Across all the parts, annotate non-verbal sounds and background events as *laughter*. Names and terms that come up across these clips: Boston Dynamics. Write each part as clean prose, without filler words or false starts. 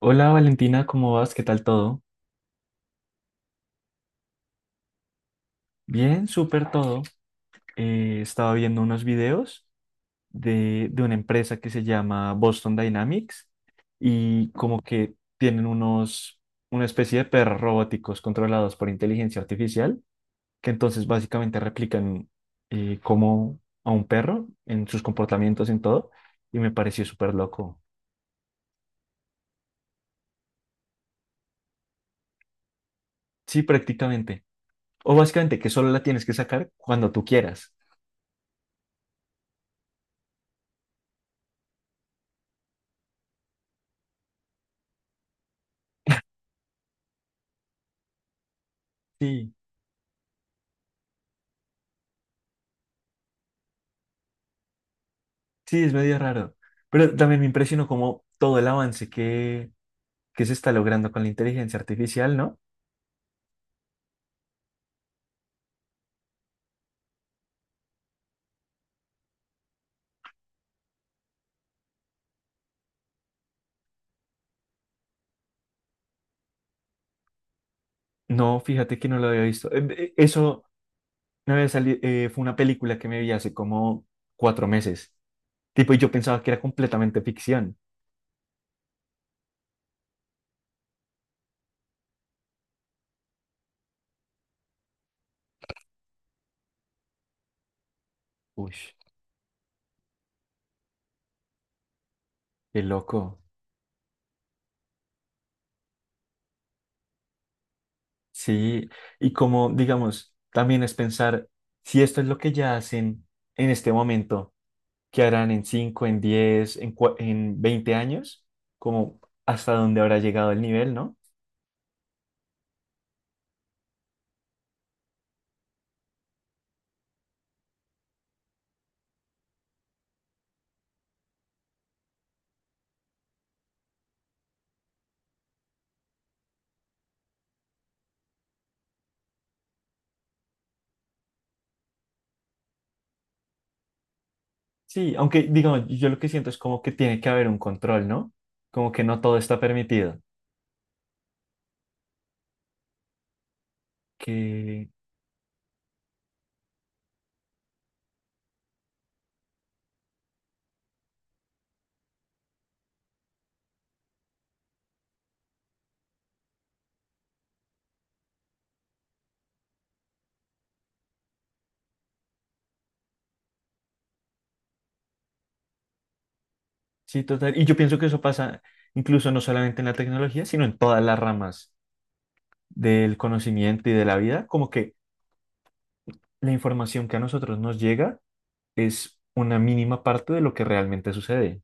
Hola Valentina, ¿cómo vas? ¿Qué tal todo? Bien, súper todo. Estaba viendo unos videos de una empresa que se llama Boston Dynamics y como que tienen unos, una especie de perros robóticos controlados por inteligencia artificial que entonces básicamente replican como a un perro en sus comportamientos, en todo, y me pareció súper loco. Sí, prácticamente. O básicamente que solo la tienes que sacar cuando tú quieras. Sí. Sí, es medio raro. Pero también me impresionó como todo el avance que se está logrando con la inteligencia artificial, ¿no? No, fíjate que no lo había visto. Eso me había salido, fue una película que me vi hace como 4 meses. Tipo, y yo pensaba que era completamente ficción. Uy, qué loco. Sí, y como, digamos, también es pensar si esto es lo que ya hacen en este momento, ¿qué harán en 5, en 10, en, en 20 años? Como hasta dónde habrá llegado el nivel, ¿no? Sí, aunque digamos, yo lo que siento es como que tiene que haber un control, ¿no? Como que no todo está permitido. Que sí, total. Y yo pienso que eso pasa incluso no solamente en la tecnología, sino en todas las ramas del conocimiento y de la vida. Como que la información que a nosotros nos llega es una mínima parte de lo que realmente sucede.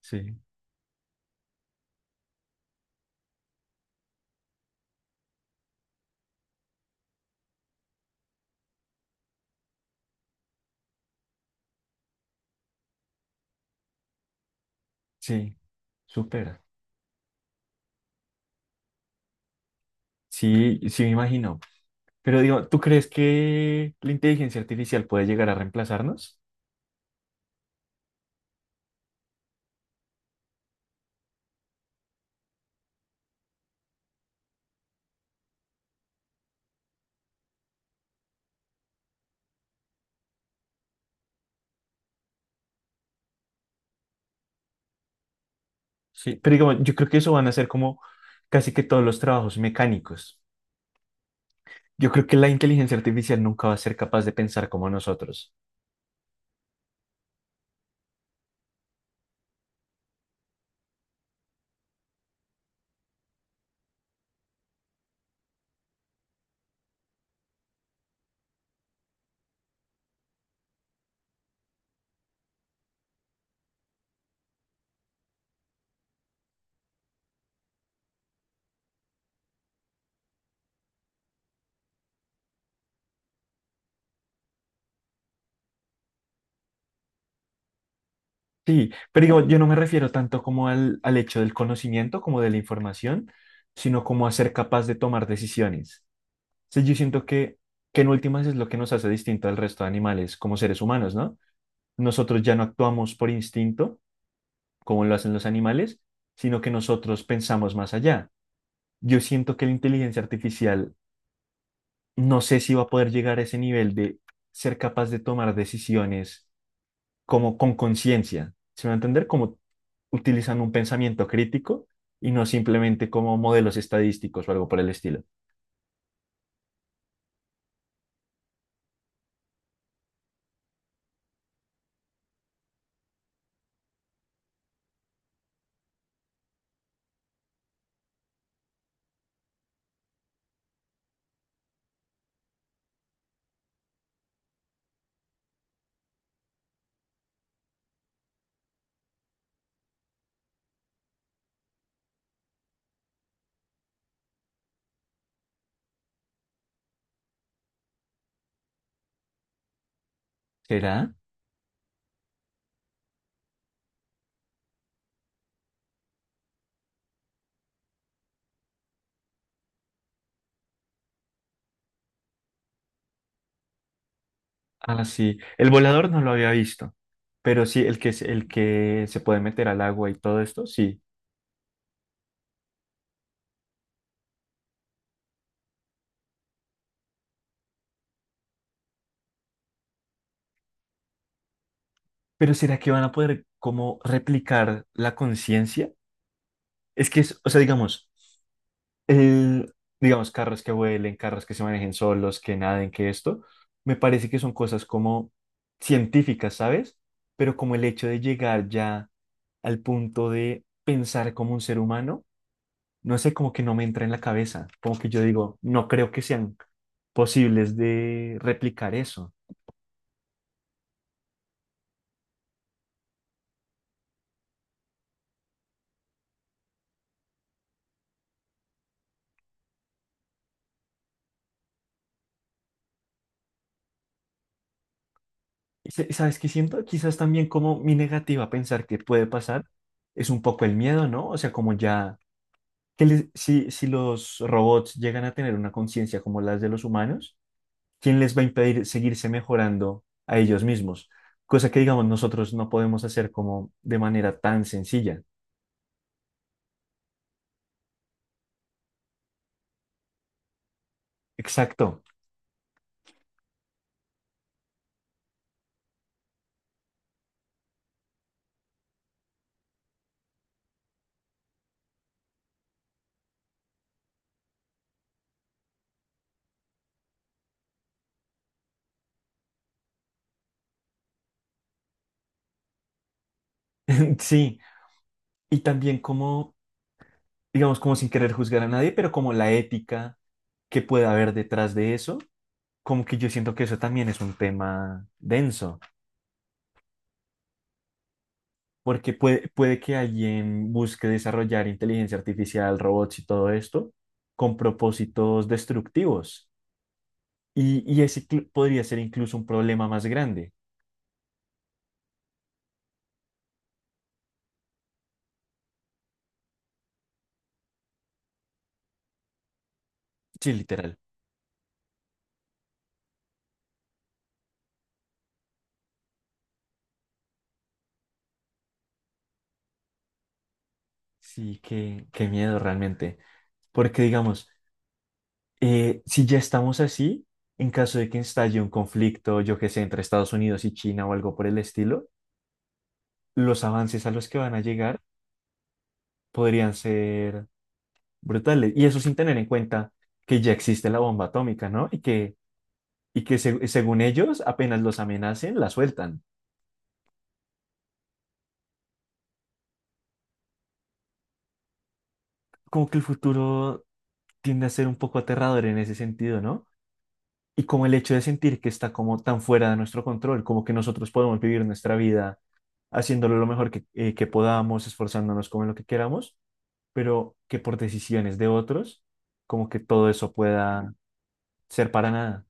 Sí, sí, súper. Sí, sí me imagino. Pero digo, ¿tú crees que la inteligencia artificial puede llegar a reemplazarnos? Sí, pero digamos, yo creo que eso van a ser como casi que todos los trabajos mecánicos. Yo creo que la inteligencia artificial nunca va a ser capaz de pensar como nosotros. Sí, pero digamos, yo no me refiero tanto como al hecho del conocimiento, como de la información, sino como a ser capaz de tomar decisiones. Sí, yo siento que en últimas es lo que nos hace distinto al resto de animales como seres humanos, ¿no? Nosotros ya no actuamos por instinto, como lo hacen los animales, sino que nosotros pensamos más allá. Yo siento que la inteligencia artificial no sé si va a poder llegar a ese nivel de ser capaz de tomar decisiones como con conciencia. ¿Se me va a entender? Como utilizando un pensamiento crítico y no simplemente como modelos estadísticos o algo por el estilo. ¿Será? Ah, sí. El volador no lo había visto, pero sí, el que se puede meter al agua y todo esto, sí. Pero ¿será que van a poder como replicar la conciencia? Es que es, o sea, digamos. el, digamos, carros que vuelen, carros que se manejen solos, que naden, que esto, me parece que son cosas como científicas, ¿sabes? Pero como el hecho de llegar ya al punto de pensar como un ser humano, no sé, como que no me entra en la cabeza, como que yo digo, no creo que sean posibles de replicar eso. ¿Sabes qué siento? Quizás también como mi negativa a pensar que puede pasar es un poco el miedo, ¿no? O sea, como ya si, si los robots llegan a tener una conciencia como las de los humanos, ¿quién les va a impedir seguirse mejorando a ellos mismos? Cosa que, digamos, nosotros no podemos hacer como de manera tan sencilla. Exacto, *laughs* sí. Y también como, digamos, como sin querer juzgar a nadie, pero como la ética que pueda haber detrás de eso, como que yo siento que eso también es un tema denso. Porque puede que alguien busque desarrollar inteligencia artificial, robots y todo esto con propósitos destructivos. Y ese podría ser incluso un problema más grande. Sí, literal. Sí, qué miedo realmente. Porque digamos, si ya estamos así, en caso de que estalle un conflicto, yo que sé, entre Estados Unidos y China o algo por el estilo, los avances a los que van a llegar podrían ser brutales. Y eso sin tener en cuenta que ya existe la bomba atómica, ¿no? Y que según ellos, apenas los amenacen, la sueltan. Como que el futuro tiende a ser un poco aterrador en ese sentido, ¿no? Y como el hecho de sentir que está como tan fuera de nuestro control, como que nosotros podemos vivir nuestra vida haciéndolo lo mejor que podamos, esforzándonos como en lo que queramos, pero que por decisiones de otros, como que todo eso pueda ser para nada.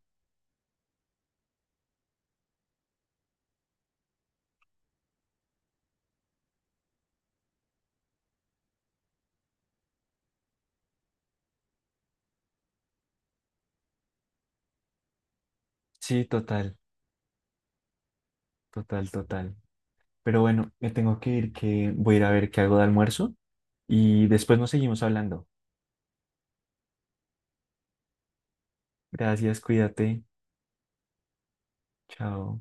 Sí, total, total, total. Pero bueno, me tengo que ir, que voy a ir a ver qué hago de almuerzo y después nos seguimos hablando. Gracias, cuídate. Chao.